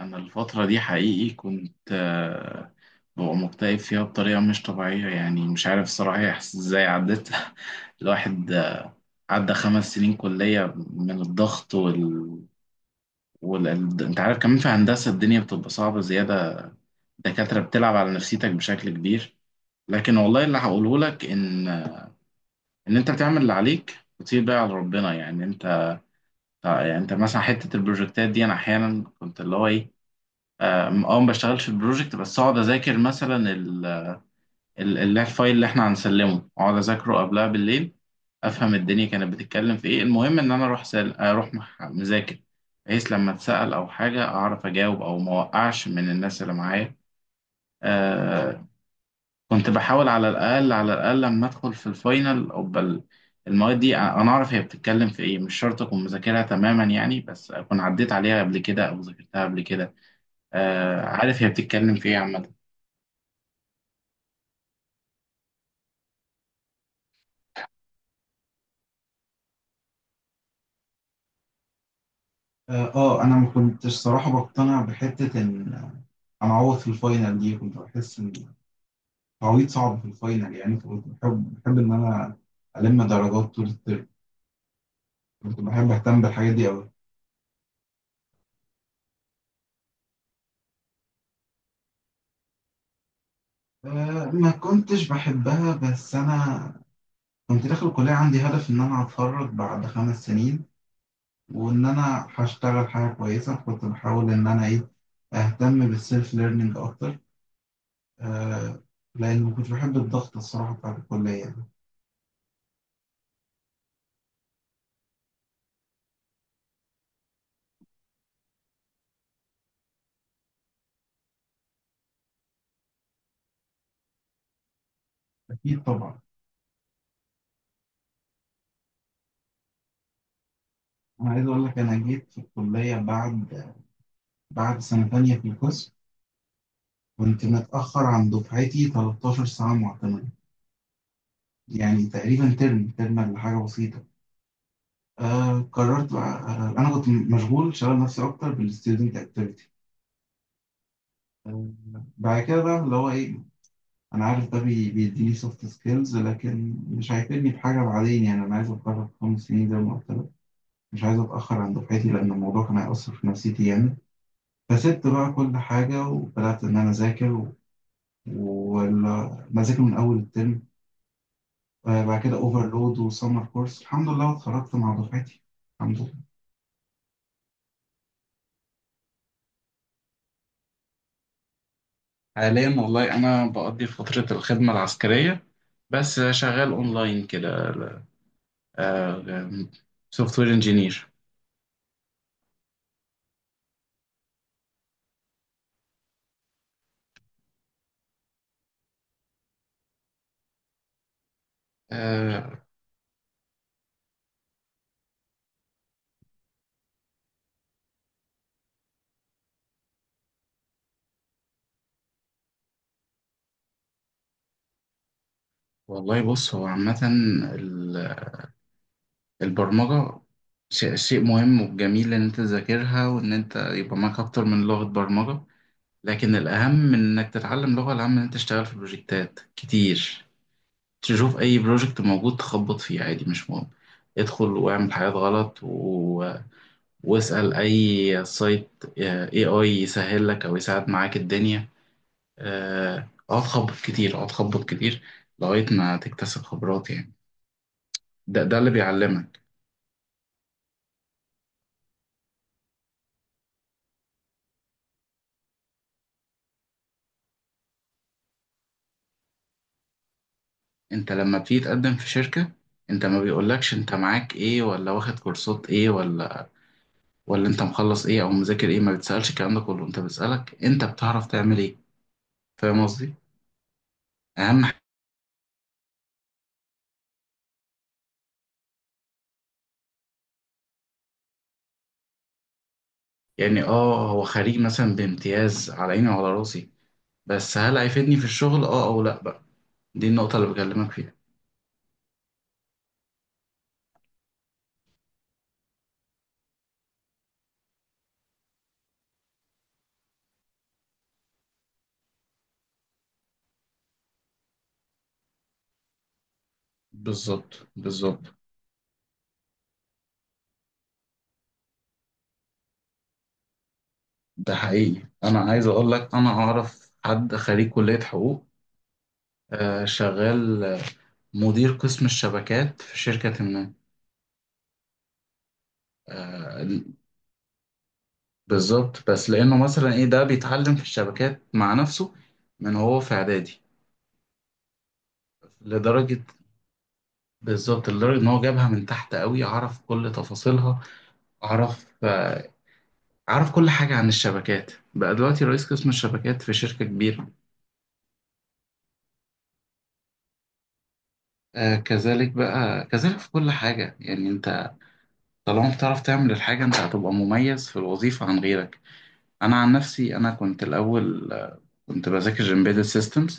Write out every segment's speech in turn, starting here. أنا الفترة دي حقيقي كنت ببقى مكتئب فيها بطريقة مش طبيعية. يعني مش عارف الصراحة هي إزاي عدت الواحد. عدى 5 سنين كلية من الضغط وال... أنت عارف كمان في هندسة الدنيا بتبقى صعبة زيادة، الدكاترة بتلعب على نفسيتك بشكل كبير. لكن والله اللي هقوله لك إن أنت بتعمل اللي عليك وتسيب بقى على ربنا. يعني أنت مثلا حتة البروجكتات دي أنا أحيانا كنت اللي هو إيه، ما بشتغلش في البروجكت بس اقعد اذاكر مثلا الفايل اللي احنا هنسلمه، اقعد اذاكره قبلها بالليل، افهم الدنيا كانت بتتكلم في ايه. المهم ان انا اروح مذاكر، بحيث لما اتسأل او حاجه اعرف اجاوب او ما اوقعش من الناس اللي معايا. آه كنت بحاول على الاقل لما ادخل في الفاينل او بل المواد دي، انا اعرف هي بتتكلم في ايه، مش شرط اكون مذاكرها تماما يعني، بس اكون عديت عليها قبل كده او ذاكرتها قبل كده. عارف هي بتتكلم في ايه عامه. انا ما كنتش صراحة بقتنع بحتة ان انا اعوض في الفاينل دي، كنت بحس ان التعويض صعب في الفاينل يعني. فكنت بحب ان انا الم درجات طول الترم، كنت بحب اهتم بالحاجات دي قوي. ما كنتش بحبها بس انا كنت داخل الكلية عندي هدف ان انا اتخرج بعد 5 سنين، وان انا هشتغل حاجة كويسة. كنت بحاول ان انا ايه اهتم بالسيلف ليرنينج اكتر. أه لان ما كنتش بحب الضغط الصراحة بتاع الكلية يعني. اكيد طبعا. أنا عايز أقول لك أنا جيت في الكلية بعد سنة تانية في القسم. كنت متأخر عن دفعتي 13 ساعة معتمدة، يعني تقريبا ترم ترم ولا حاجة بسيطة. قررت بقى، أنا كنت مشغول شغال نفسي أكتر بالستودنت أكتيفيتي. آه بعد كده بقى اللي هو إيه، أنا عارف ده بيديني سوفت سكيلز لكن مش هيفيدني بحاجة بعدين يعني، أنا عايز أتخرج في 5 سنين زي ما قلت لك، مش عايز أتأخر عن دفعتي لأن الموضوع كان هيأثر في نفسيتي يعني. فسبت بقى كل حاجة وبدأت إن أنا أذاكر ومذاكر من أول الترم. بعد كده أوفرلود وسمر كورس الحمد لله اتخرجت مع دفعتي. الحمد لله. حاليا والله أنا بقضي فترة الخدمة العسكرية، بس شغال أونلاين كده سوفت وير انجينير. والله بص هو عامة ال- البرمجة شيء مهم وجميل إن أنت تذاكرها وإن أنت يبقى معاك أكتر من لغة برمجة. لكن الأهم من إنك تتعلم لغة، الأهم إن أنت تشتغل في بروجكتات كتير، تشوف اي بروجكت موجود تخبط فيه عادي مش مهم، ادخل واعمل حاجات غلط واسأل اي سايت، اي يسهل لك او يساعد معاك الدنيا. اقعد خبط كتير اقعد خبط كتير لغاية ما تكتسب خبرات يعني. ده اللي بيعلمك. انت لما بتيجي تقدم في شركة، انت ما بيقولكش انت معاك ايه ولا واخد كورسات ايه ولا انت مخلص ايه او مذاكر ايه، ما بتسألش الكلام ده كله، انت بتسألك انت بتعرف تعمل ايه. فاهم قصدي. اهم. يعني هو خريج مثلا بامتياز على عيني وعلى راسي، بس هل هيفيدني في الشغل اه او لا بقى؟ دي النقطة اللي بكلمك فيها. بالظبط بالظبط. ده حقيقي انا عايز اقول لك انا اعرف حد خريج كلية حقوق. شغال، مدير قسم الشبكات في شركة ما. آه بالظبط بس لانه مثلا ايه ده بيتعلم في الشبكات مع نفسه من هو في اعدادي لدرجة. بالظبط لدرجة ان هو جابها من تحت قوي، عرف كل تفاصيلها. عرف آه، أعرف كل حاجة عن الشبكات، بقى دلوقتي رئيس قسم الشبكات في شركة كبيرة. كذلك بقى كذلك في كل حاجة يعني. أنت طالما بتعرف تعمل الحاجة أنت هتبقى مميز في الوظيفة عن غيرك. أنا عن نفسي أنا كنت الأول، كنت بذاكر Embedded Systems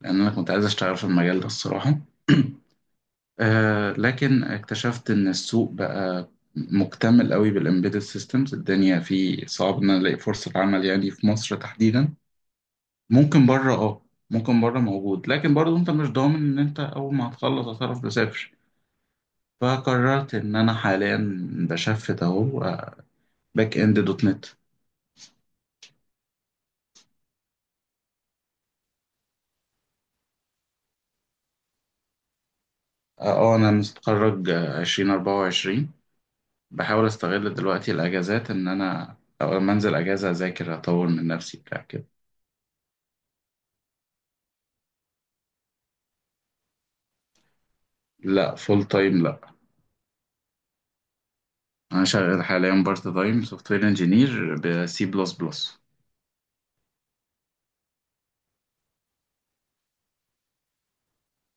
لأن أنا كنت عايز أشتغل في المجال ده الصراحة. لكن اكتشفت إن السوق بقى مكتمل قوي بالإمبيدد سيستمز، الدنيا فيه صعب إن أنا ألاقي فرصة عمل يعني في مصر تحديدا. ممكن بره اه ممكن بره موجود لكن برضو انت مش ضامن ان انت اول ما هتخلص هتعرف تسافر. فقررت ان انا حاليا بشفت اهو باك اند دوت نت. اه انا متخرج 2024. بحاول استغل دلوقتي الاجازات ان انا أو لما انزل اجازة اذاكر اطور من نفسي بتاع كده. لا فول تايم لا. انا شغال حاليا بارت تايم سوفت وير انجينير بسي بلس بلس.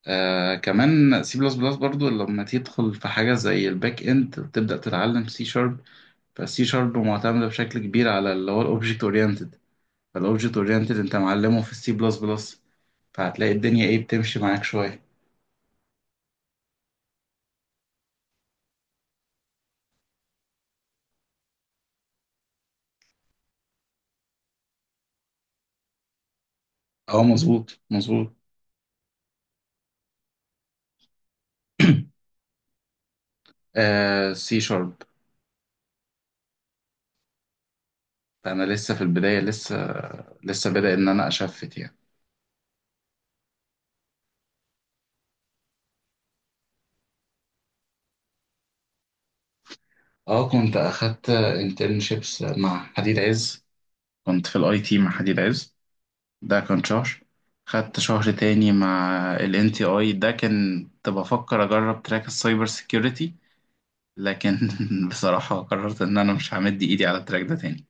كمان سي بلس بلس برضو لما تدخل في حاجة زي الباك اند وتبدأ تتعلم سي شارب، فالسي شارب معتمدة بشكل كبير على اللي هو الاوبجكت اورينتد. فالاوبجكت اورينتد انت معلمه في السي بلس بلس، فهتلاقي الدنيا ايه بتمشي معاك شوية. اه مظبوط مظبوط. سي شارب. انا لسه في البداية، لسه بدأ ان انا اشفت يعني. اه كنت اخدت انترنشيبس مع حديد عز، كنت في الاي تي مع حديد عز. ده كان شهر. خدت شهر تاني مع ال NTI، ده كان كنت بفكر أجرب تراك السايبر سيكيورتي. لكن بصراحة قررت إن أنا مش همد إيدي على التراك ده تاني.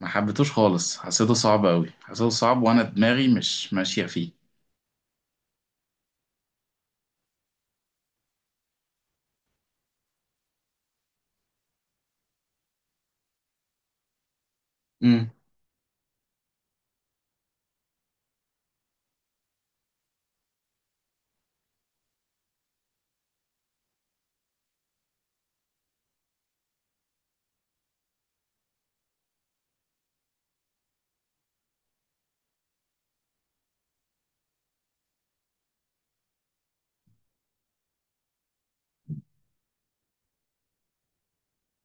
ما حبيتوش خالص، حسيته صعب أوي، حسيته صعب وأنا دماغي مش ماشية فيه. امم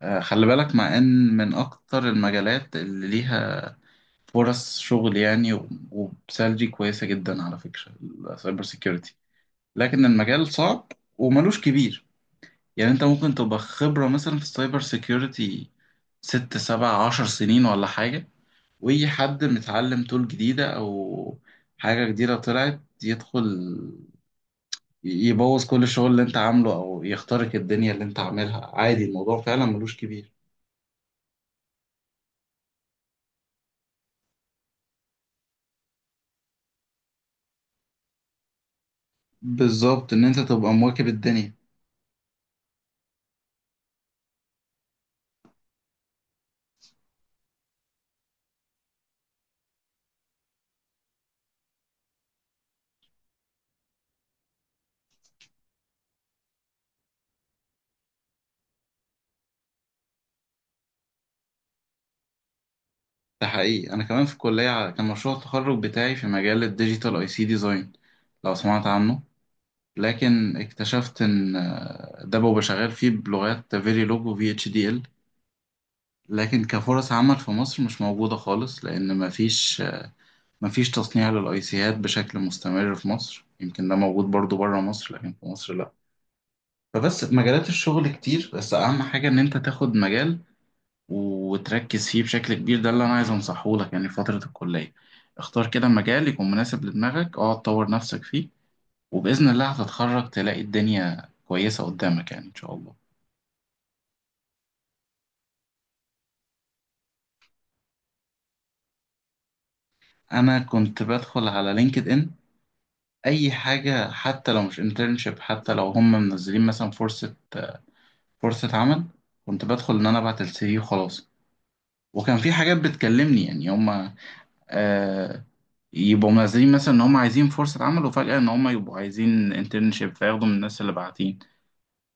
خلي بالك مع إن من أكتر المجالات اللي ليها فرص شغل يعني و- وبسالري كويسة جدا على فكرة السايبر سيكيورتي. لكن المجال صعب وملوش كبير، يعني انت ممكن تبقى خبرة مثلا في السايبر سيكيورتي ست سبع عشر سنين ولا حاجة، ويجي حد متعلم تول جديدة أو حاجة جديدة طلعت يدخل يبوظ كل الشغل اللي انت عامله أو يخترق الدنيا اللي انت عاملها عادي، الموضوع فعلا ملوش كبير. بالظبط إن انت تبقى مواكب الدنيا. ده حقيقي أنا كمان في الكلية كان مشروع التخرج بتاعي في مجال الديجيتال أي سي ديزاين، لو سمعت عنه. لكن اكتشفت ان، ده ببقى شغال فيه بلغات فيريلوج و اتش دي ال. لكن كفرص عمل في مصر مش موجودة خالص لأن مفيش تصنيع للأيسيهات بشكل مستمر في مصر، يمكن ده موجود برضو بره مصر لكن في مصر لأ. فبس مجالات الشغل كتير بس أهم حاجة إن أنت تاخد مجال وتركز فيه بشكل كبير، ده اللي أنا عايز أنصحه لك يعني. في فترة الكلية اختار كده مجال يكون مناسب لدماغك، اقعد طور نفسك فيه وبإذن الله هتتخرج تلاقي الدنيا كويسة قدامك يعني إن شاء الله. انا كنت بدخل على لينكد ان اي حاجه، حتى لو مش انترنشيب، حتى لو هم منزلين مثلا فرصه عمل، كنت بدخل ان انا ابعت السي في وخلاص. وكان في حاجات بتكلمني يعني هم، آه يبقوا منزلين مثلا ان هم عايزين فرصه عمل وفجاه ان هم يبقوا عايزين انترنشيب فياخدوا من الناس اللي باعتين.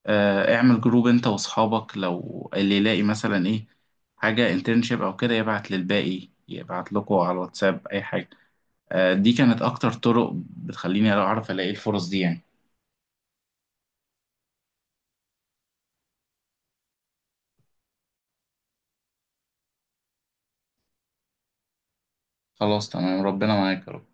اعمل جروب انت واصحابك لو اللي يلاقي مثلا ايه حاجه انترنشيب او كده يبعت للباقي يبعت لكم على الواتساب اي حاجه. دي كانت أكتر طرق بتخليني أعرف ألاقي الفرص دي يعني. خلاص تمام ربنا معاك يا رب.